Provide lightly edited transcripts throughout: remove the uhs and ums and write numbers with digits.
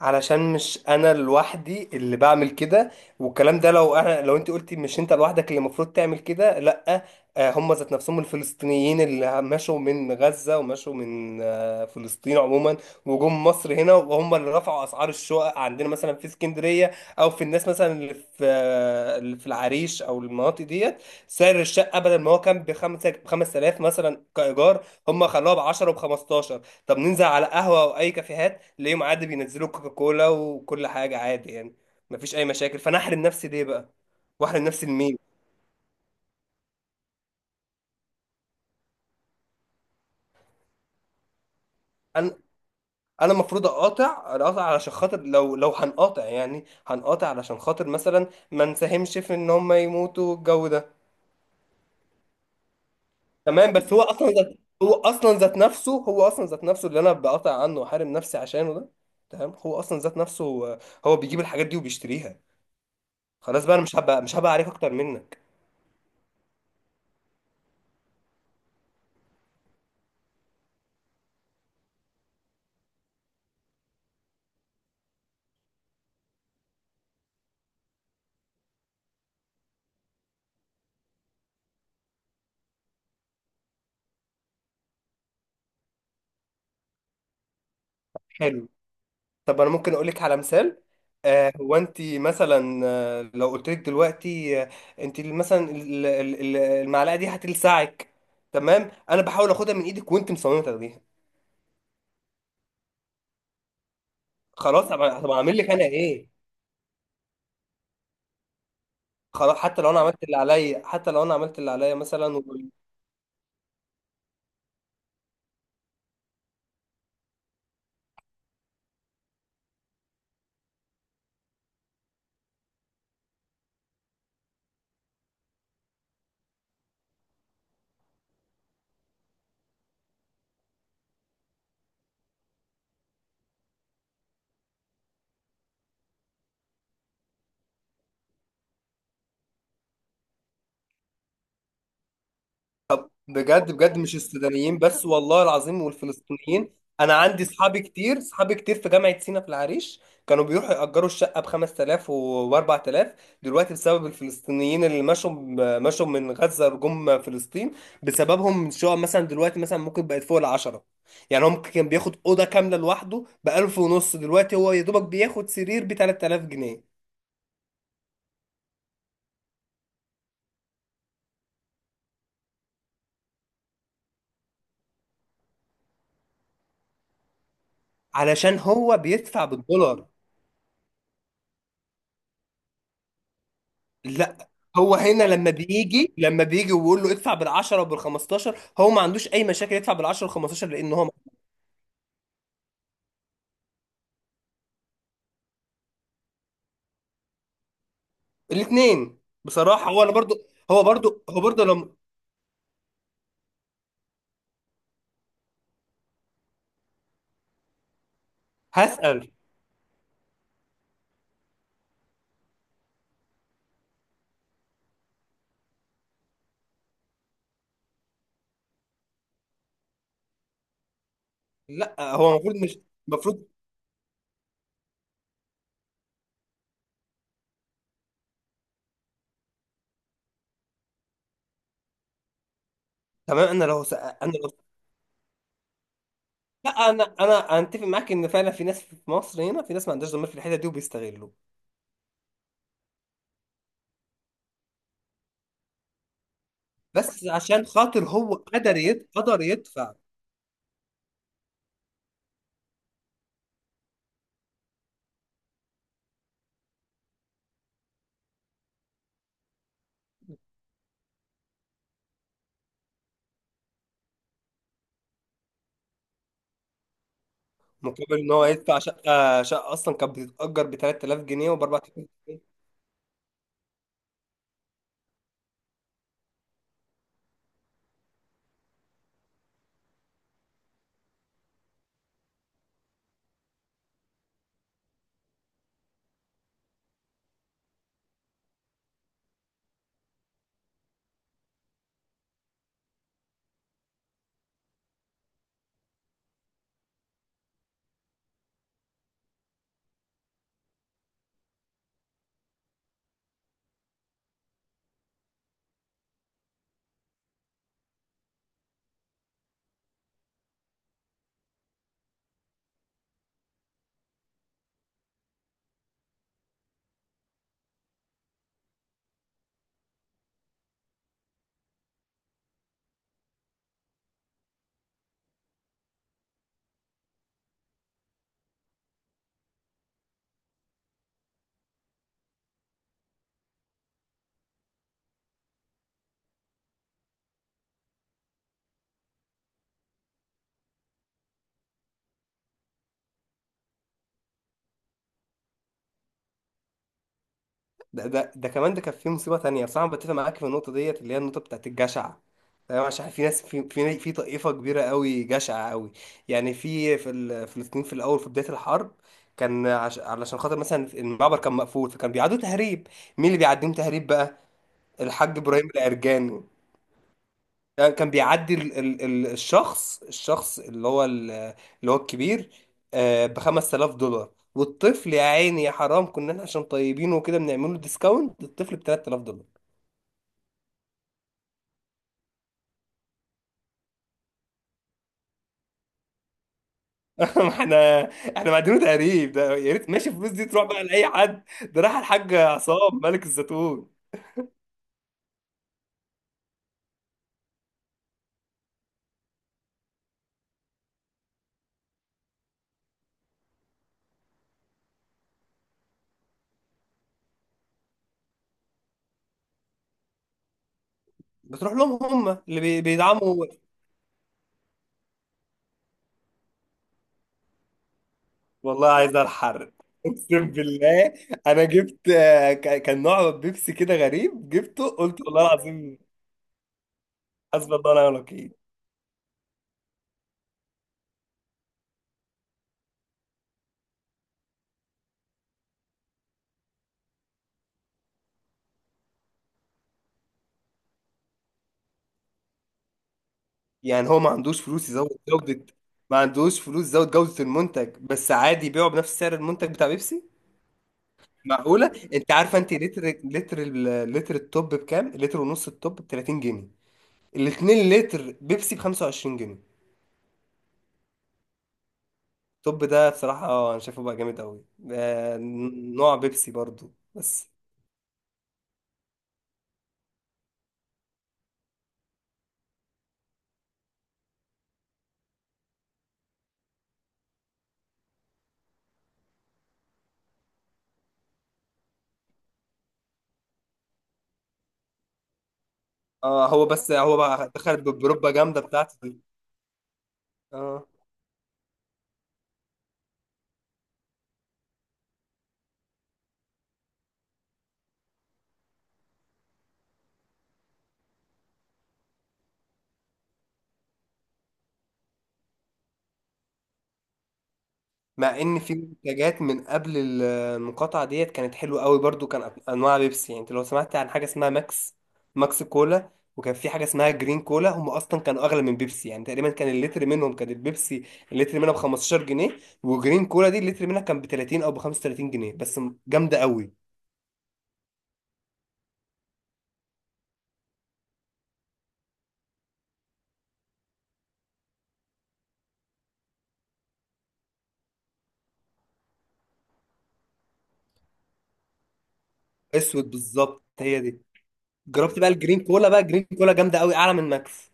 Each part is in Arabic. علشان مش انا لوحدي اللي بعمل كده. والكلام ده، لو انت قلتي مش انت لوحدك اللي المفروض تعمل كده، لا. هم ذات نفسهم الفلسطينيين اللي مشوا من غزة ومشوا من فلسطين عموما، وجم مصر هنا، وهم اللي رفعوا اسعار الشقق عندنا مثلا في اسكندرية. او في الناس مثلا اللي في اللي في العريش او المناطق ديت. سعر الشقة بدل ما هو كان بخمسة، بخمس آلاف مثلا كإيجار، هم خلوها ب 10 وب 15. طب ننزل على قهوة او اي كافيهات، تلاقيهم عادي بينزلوا كوكا كولا وكل حاجه عادي، يعني مفيش اي مشاكل. فانا احرم نفسي ليه بقى؟ واحرم نفسي لمين؟ انا انا المفروض اقاطع علشان خاطر، لو هنقاطع، يعني هنقاطع علشان خاطر مثلا ما نساهمش في ان هم يموتوا الجو ده. تمام، بس هو اصلا ذات هو اصلا ذات نفسه هو اصلا ذات نفسه اللي انا بقاطع عنه واحارم نفسي عشانه ده. تمام، هو اصلا ذات نفسه. هو هو بيجيب الحاجات دي وبيشتريها. خلاص بقى، انا مش هبقى عليك اكتر منك. حلو، طب انا ممكن اقول لك على مثال. هو انت مثلا، لو قلت لك دلوقتي، انت مثلا المعلقه دي هتلسعك، تمام؟ انا بحاول اخدها من ايدك وانت مصممه تاخديها. خلاص، طب اعمل لك انا ايه؟ خلاص، حتى لو انا عملت اللي عليا مثلا. بجد بجد، مش السودانيين بس، والله العظيم، والفلسطينيين. انا عندي اصحابي كتير، اصحابي كتير في جامعة سينا في العريش، كانوا بيروحوا يأجروا الشقة ب 5000 و 4000. دلوقتي بسبب الفلسطينيين اللي مشوا، مشوا من غزة جم فلسطين، بسببهم شقق مثلا دلوقتي مثلا ممكن بقت فوق العشرة. يعني هم كان بياخد أوضة كاملة لوحده ب 1000 ونص، دلوقتي هو يا دوبك بياخد سرير ب 3000 جنيه، علشان هو بيدفع بالدولار. لا، هو هنا لما بيجي ويقول له ادفع بال10 وبال15، هو ما عندوش اي مشاكل يدفع بال10 وال15، لان هو. الاثنين بصراحه، هو انا برضو. هو برضو، هو برضو لما. هسأل. لا، هو المفروض مش، المفروض. تمام، انا لو، لا، انا اتفق معاك ان فعلا في ناس في مصر هنا، في ناس ما عندهاش ضمير في الحته دي وبيستغلوا. بس عشان خاطر هو قدر يدفع، مقابل ان هو يدفع. شقه، شقه اصلا كانت بتتأجر ب 3000 جنيه وب 4000. ده كمان، ده كان في مصيبه تانية بصراحه. أنا بتفق معاك في النقطه ديت، اللي هي النقطه بتاعت الجشع، تمام؟ عشان في ناس، في طائفه كبيره قوي جشعه قوي. يعني فلسطين، في الاول في بدايه الحرب، علشان خاطر مثلا المعبر كان مقفول، فكان بيعدوا تهريب. مين اللي بيعديهم تهريب بقى؟ الحاج ابراهيم العرجاني. كان بيعدي ال ال ال الشخص، اللي هو الكبير ب 5000 دولار، والطفل يا عيني يا حرام، كنا احنا عشان طيبين وكده بنعمل له ديسكاونت، الطفل ب 3000 دولار. ما احنا، احنا معدينه تقريب ده. يا ريت ماشي الفلوس دي تروح بقى لاي حد، ده راح الحاج عصام ملك الزيتون. بتروح لهم، هم اللي بيدعموا. والله عايز الحرب، اقسم بالله. انا جبت كان نوع بيبسي كده غريب، جبته قلت والله العظيم، حسبي الله ونعم الوكيل. يعني هو ما عندوش فلوس يزود جودة؟ ما عندوش فلوس يزود جودة المنتج، بس عادي يبيعه بنفس سعر المنتج بتاع بيبسي؟ معقولة؟ انت عارفة، انت لتر لتر ال- لتر التوب بكام؟ لتر ونص التوب ب 30 جنيه، الاتنين لتر بيبسي ب 25 جنيه. التوب ده بصراحة، اه، انا شايفه بقى جامد قوي. آه، نوع بيبسي برضو، بس. اه، هو بس، هو بقى دخل بالبروبا جامدة بتاعته دي. اه، مع ان في منتجات من قبل المقاطعه ديت كانت حلوه قوي برضو. كان انواع بيبسي، يعني انت لو سمعت عن حاجه اسمها ماكس، ماكس كولا، وكان في حاجه اسمها جرين كولا. هم اصلا كانوا اغلى من بيبسي، يعني تقريبا كان اللتر منهم، كان البيبسي اللتر منها ب 15 جنيه، وجرين كولا دي اللتر منها كان ب 30 او ب 35 جنيه، جامده قوي. اسود بالظبط، هي دي. جربت بقى الجرين كولا بقى، جرين كولا جامده قوي، اعلى من ماكس.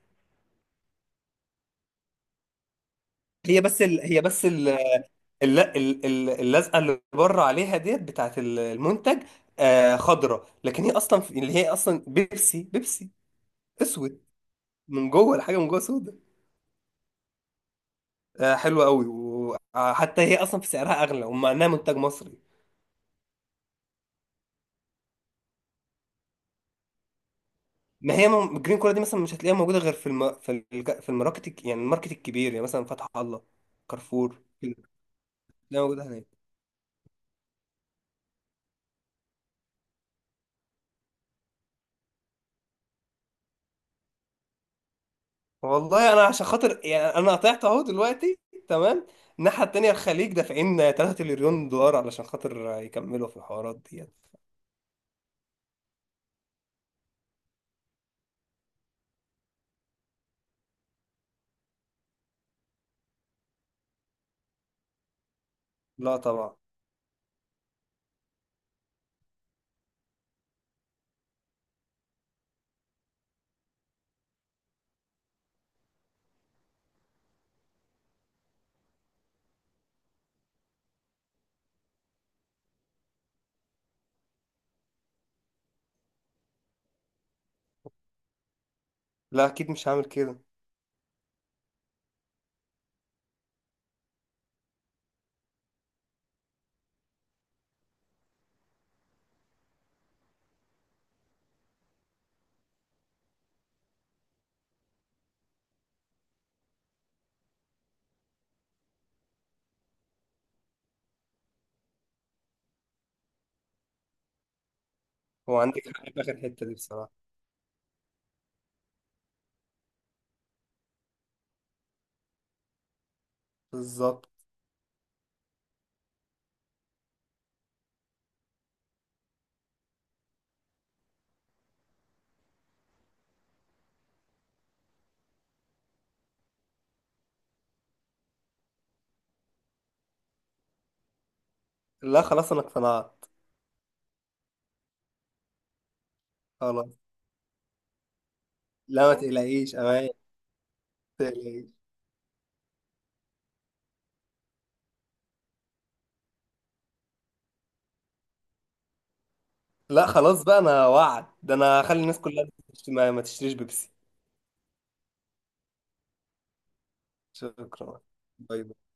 هي بس ال... هي بس الل- ال- ال- اللزقه اللي بره عليها ديت بتاعت المنتج، آه، خضره، لكن اللي هي اصلا بيبسي. بيبسي اسود، من جوه الحاجه من جوه سودا. آه، حلوه قوي، وحتى هي اصلا في سعرها اغلى، ومع انها منتج مصري. ما هي الجرين كولا دي مثلا مش هتلاقيها موجوده غير في الماركت يعني الماركت الكبير، يعني مثلا فتح الله، كارفور كده. هتلاقيها موجوده هناك. والله انا عشان خاطر، يعني انا طلعت اهو دلوقتي، تمام؟ الناحيه التانيه الخليج دافعين 3 تريليون دولار علشان خاطر يكملوا في الحوارات ديت. لا طبعا. لا، اكيد مش هعمل كده. هو عندك حق في اخر حته دي بصراحه، بالظبط. لا، خلاص انا اقتنعت. خلاص، لا، ما تقلقيش. تقلقيش لا خلاص بقى، انا وعد ده، انا هخلي الناس كلها ما تشتريش بيبسي. شكرا، باي باي.